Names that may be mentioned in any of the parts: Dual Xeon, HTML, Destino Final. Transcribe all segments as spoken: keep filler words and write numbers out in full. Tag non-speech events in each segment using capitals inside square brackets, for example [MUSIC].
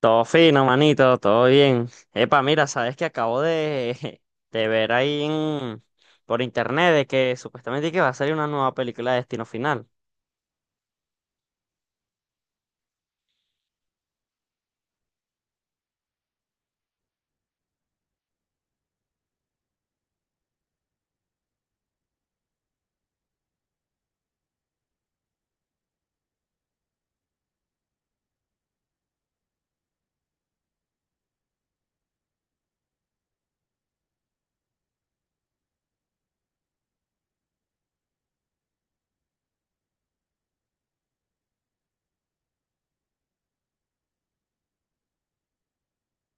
Todo fino, manito, todo bien. Epa, mira, sabes que acabo de, [LAUGHS] de ver ahí en- por internet de que supuestamente que va a salir una nueva película de Destino Final.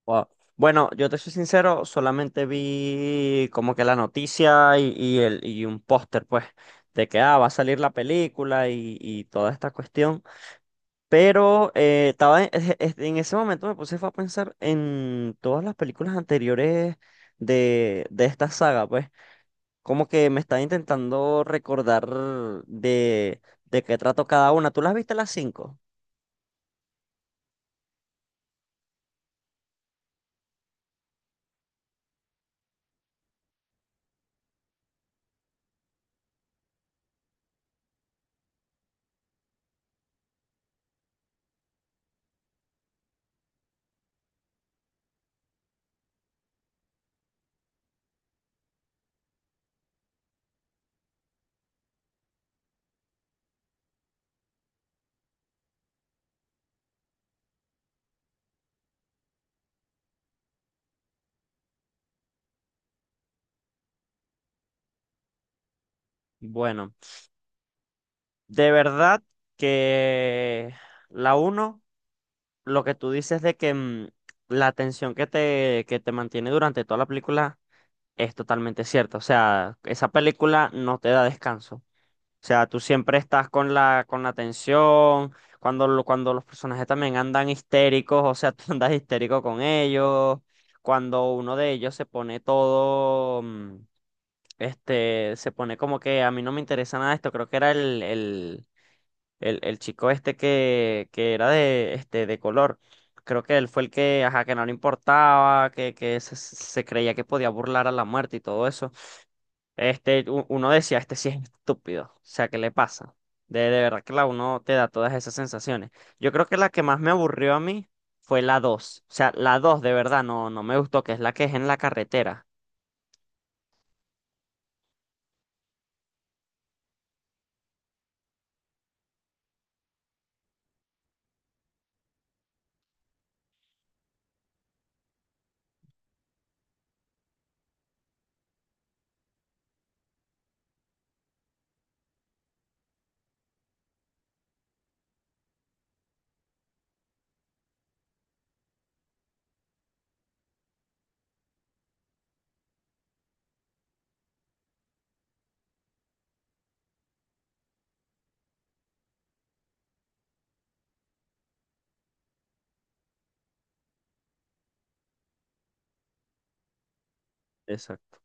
Wow. Bueno, yo te soy sincero, solamente vi como que la noticia y, y el, y un póster, pues, de que ah, va a salir la película y, y toda esta cuestión. Pero eh, estaba en, [LAUGHS] es- es- en ese momento me puse fue a pensar en todas las películas anteriores de, de esta saga, pues, como que me está intentando recordar de, de qué trato cada una. ¿Tú las viste las cinco? Bueno, de verdad que la uno, lo que tú dices de que mm, la tensión que te, que te mantiene durante toda la película es totalmente cierta. O sea, esa película no te da descanso. O sea, tú siempre estás con la, con la tensión, cuando, lo- cuando los personajes también andan histéricos, o sea, [LAUGHS] tú andas histérico con ellos, cuando uno de ellos se pone todo, mm, este, se pone como que a mí no me interesa nada esto, creo que era el, el, el, el chico este que, que era de, este, de color. Creo que él fue el que, ajá, que no le importaba, que, que se, se creía que podía burlar a la muerte y todo eso. Este, u- uno decía, este sí es estúpido. O sea, ¿qué le pasa? De, de verdad que la uno te da todas esas sensaciones. Yo creo que la que más me aburrió a mí fue la dos. O sea, la dos de verdad no, no me gustó, que es la que es en la carretera. Exacto.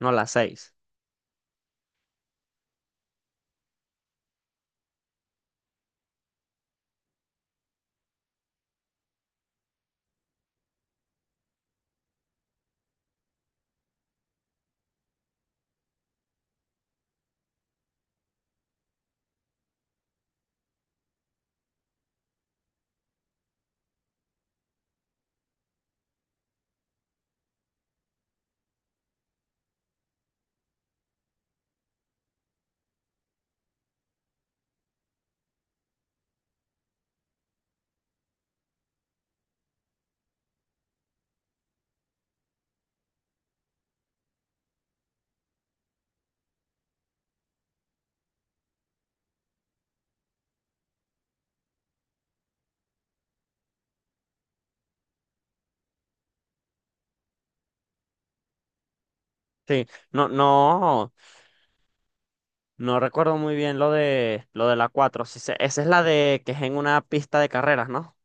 No, la seis. Sí, no, no, no recuerdo muy bien lo de, lo de la cuatro. Sí sé- esa es la de que es en una pista de carreras, ¿no?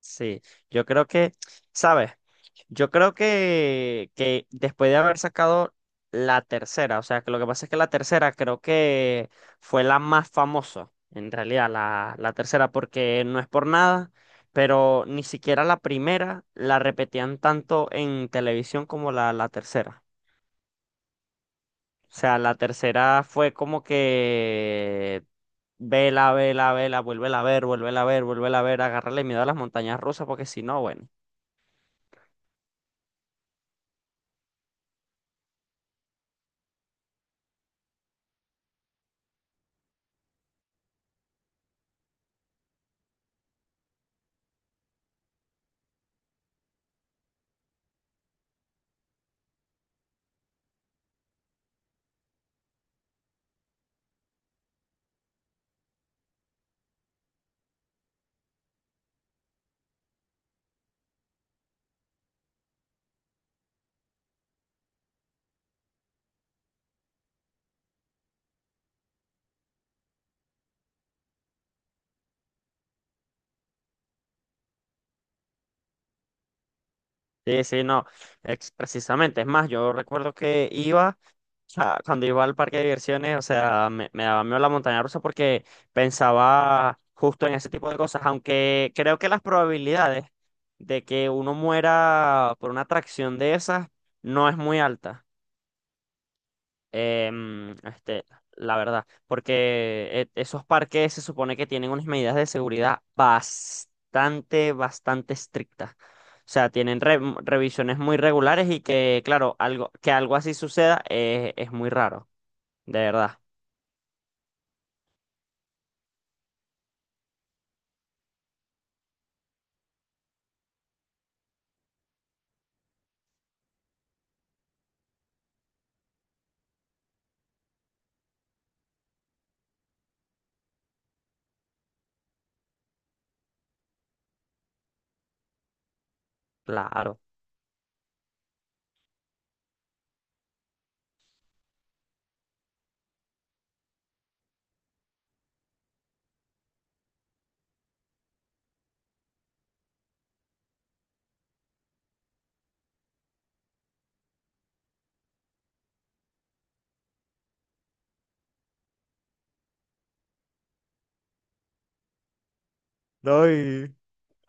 Sí, yo creo que, ¿sabes? Yo creo que, que después de haber sacado la tercera, o sea, que lo que pasa es que la tercera creo que fue la más famosa, en realidad, la, la tercera, porque no es por nada, pero ni siquiera la primera la repetían tanto en televisión como la, la tercera. O sea, la tercera fue como que vela, vela, vela, vuélvela a ver, vuélvela a ver, vuélvela a ver, agárrale miedo a las montañas rusas, porque si no, bueno. Sí, sí, no, es precisamente, es más, yo recuerdo que iba, o sea, cuando iba al parque de diversiones, o sea, me, me daba miedo la montaña rusa porque pensaba justo en ese tipo de cosas, aunque creo que las probabilidades de que uno muera por una atracción de esas no es muy alta, em, este, la verdad, porque eh, esos parques se supone que tienen unas medidas de seguridad bastante, bastante estrictas. O sea, tienen re- revisiones muy regulares y que, claro, algo, que algo así suceda, eh, es muy raro, de verdad, claro. No, y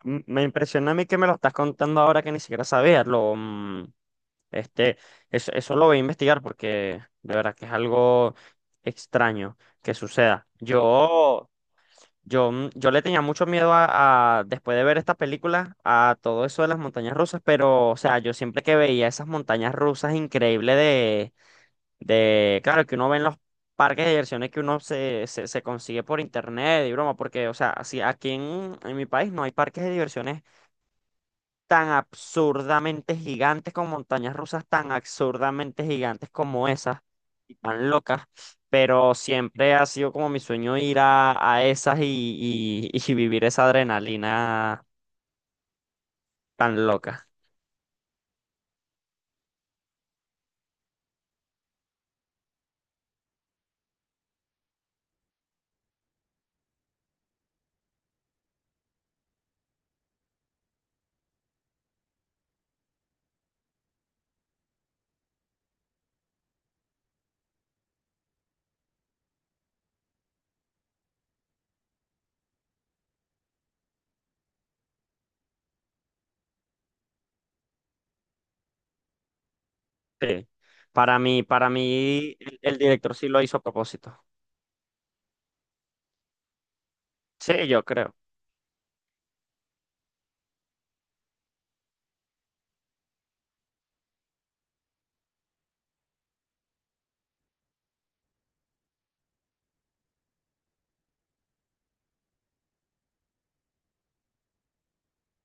m- me impresiona a mí que me lo estás contando ahora que ni siquiera sabía. Lo, mm, este, eso, eso lo voy a investigar porque de verdad que es algo extraño que suceda. Yo Yo, mm, yo le tenía mucho miedo a, a, después de ver esta película, a todo eso de las montañas rusas, pero, o sea, yo siempre que veía esas montañas rusas increíbles de, de, claro, que uno ve en los parques de diversiones que uno se, se, se consigue por internet y broma, porque, o sea, así aquí en, en mi país no hay parques de diversiones tan absurdamente gigantes con montañas rusas tan absurdamente gigantes como esas tan locas, pero siempre ha sido como mi sueño ir a, a esas y, y- [LAUGHS] y vivir esa adrenalina tan loca. Sí. Para mí, para mí, el, el director sí lo hizo a propósito. Sí, yo creo.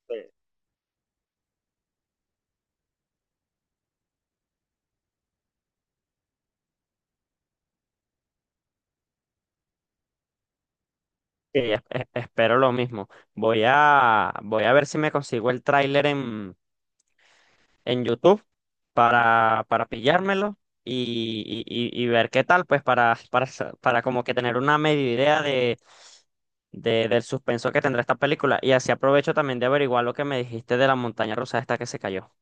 Sí. Sí, es- es- espero lo mismo. Voy a, voy a ver si me consigo el tráiler en, en YouTube para, para pillármelo. Y, y- y- y ver qué tal, pues, para, para, sa- para como que tener una media idea de- del suspenso que tendrá esta película. Y así aprovecho también de averiguar lo que me dijiste de la montaña rusa esta que se cayó.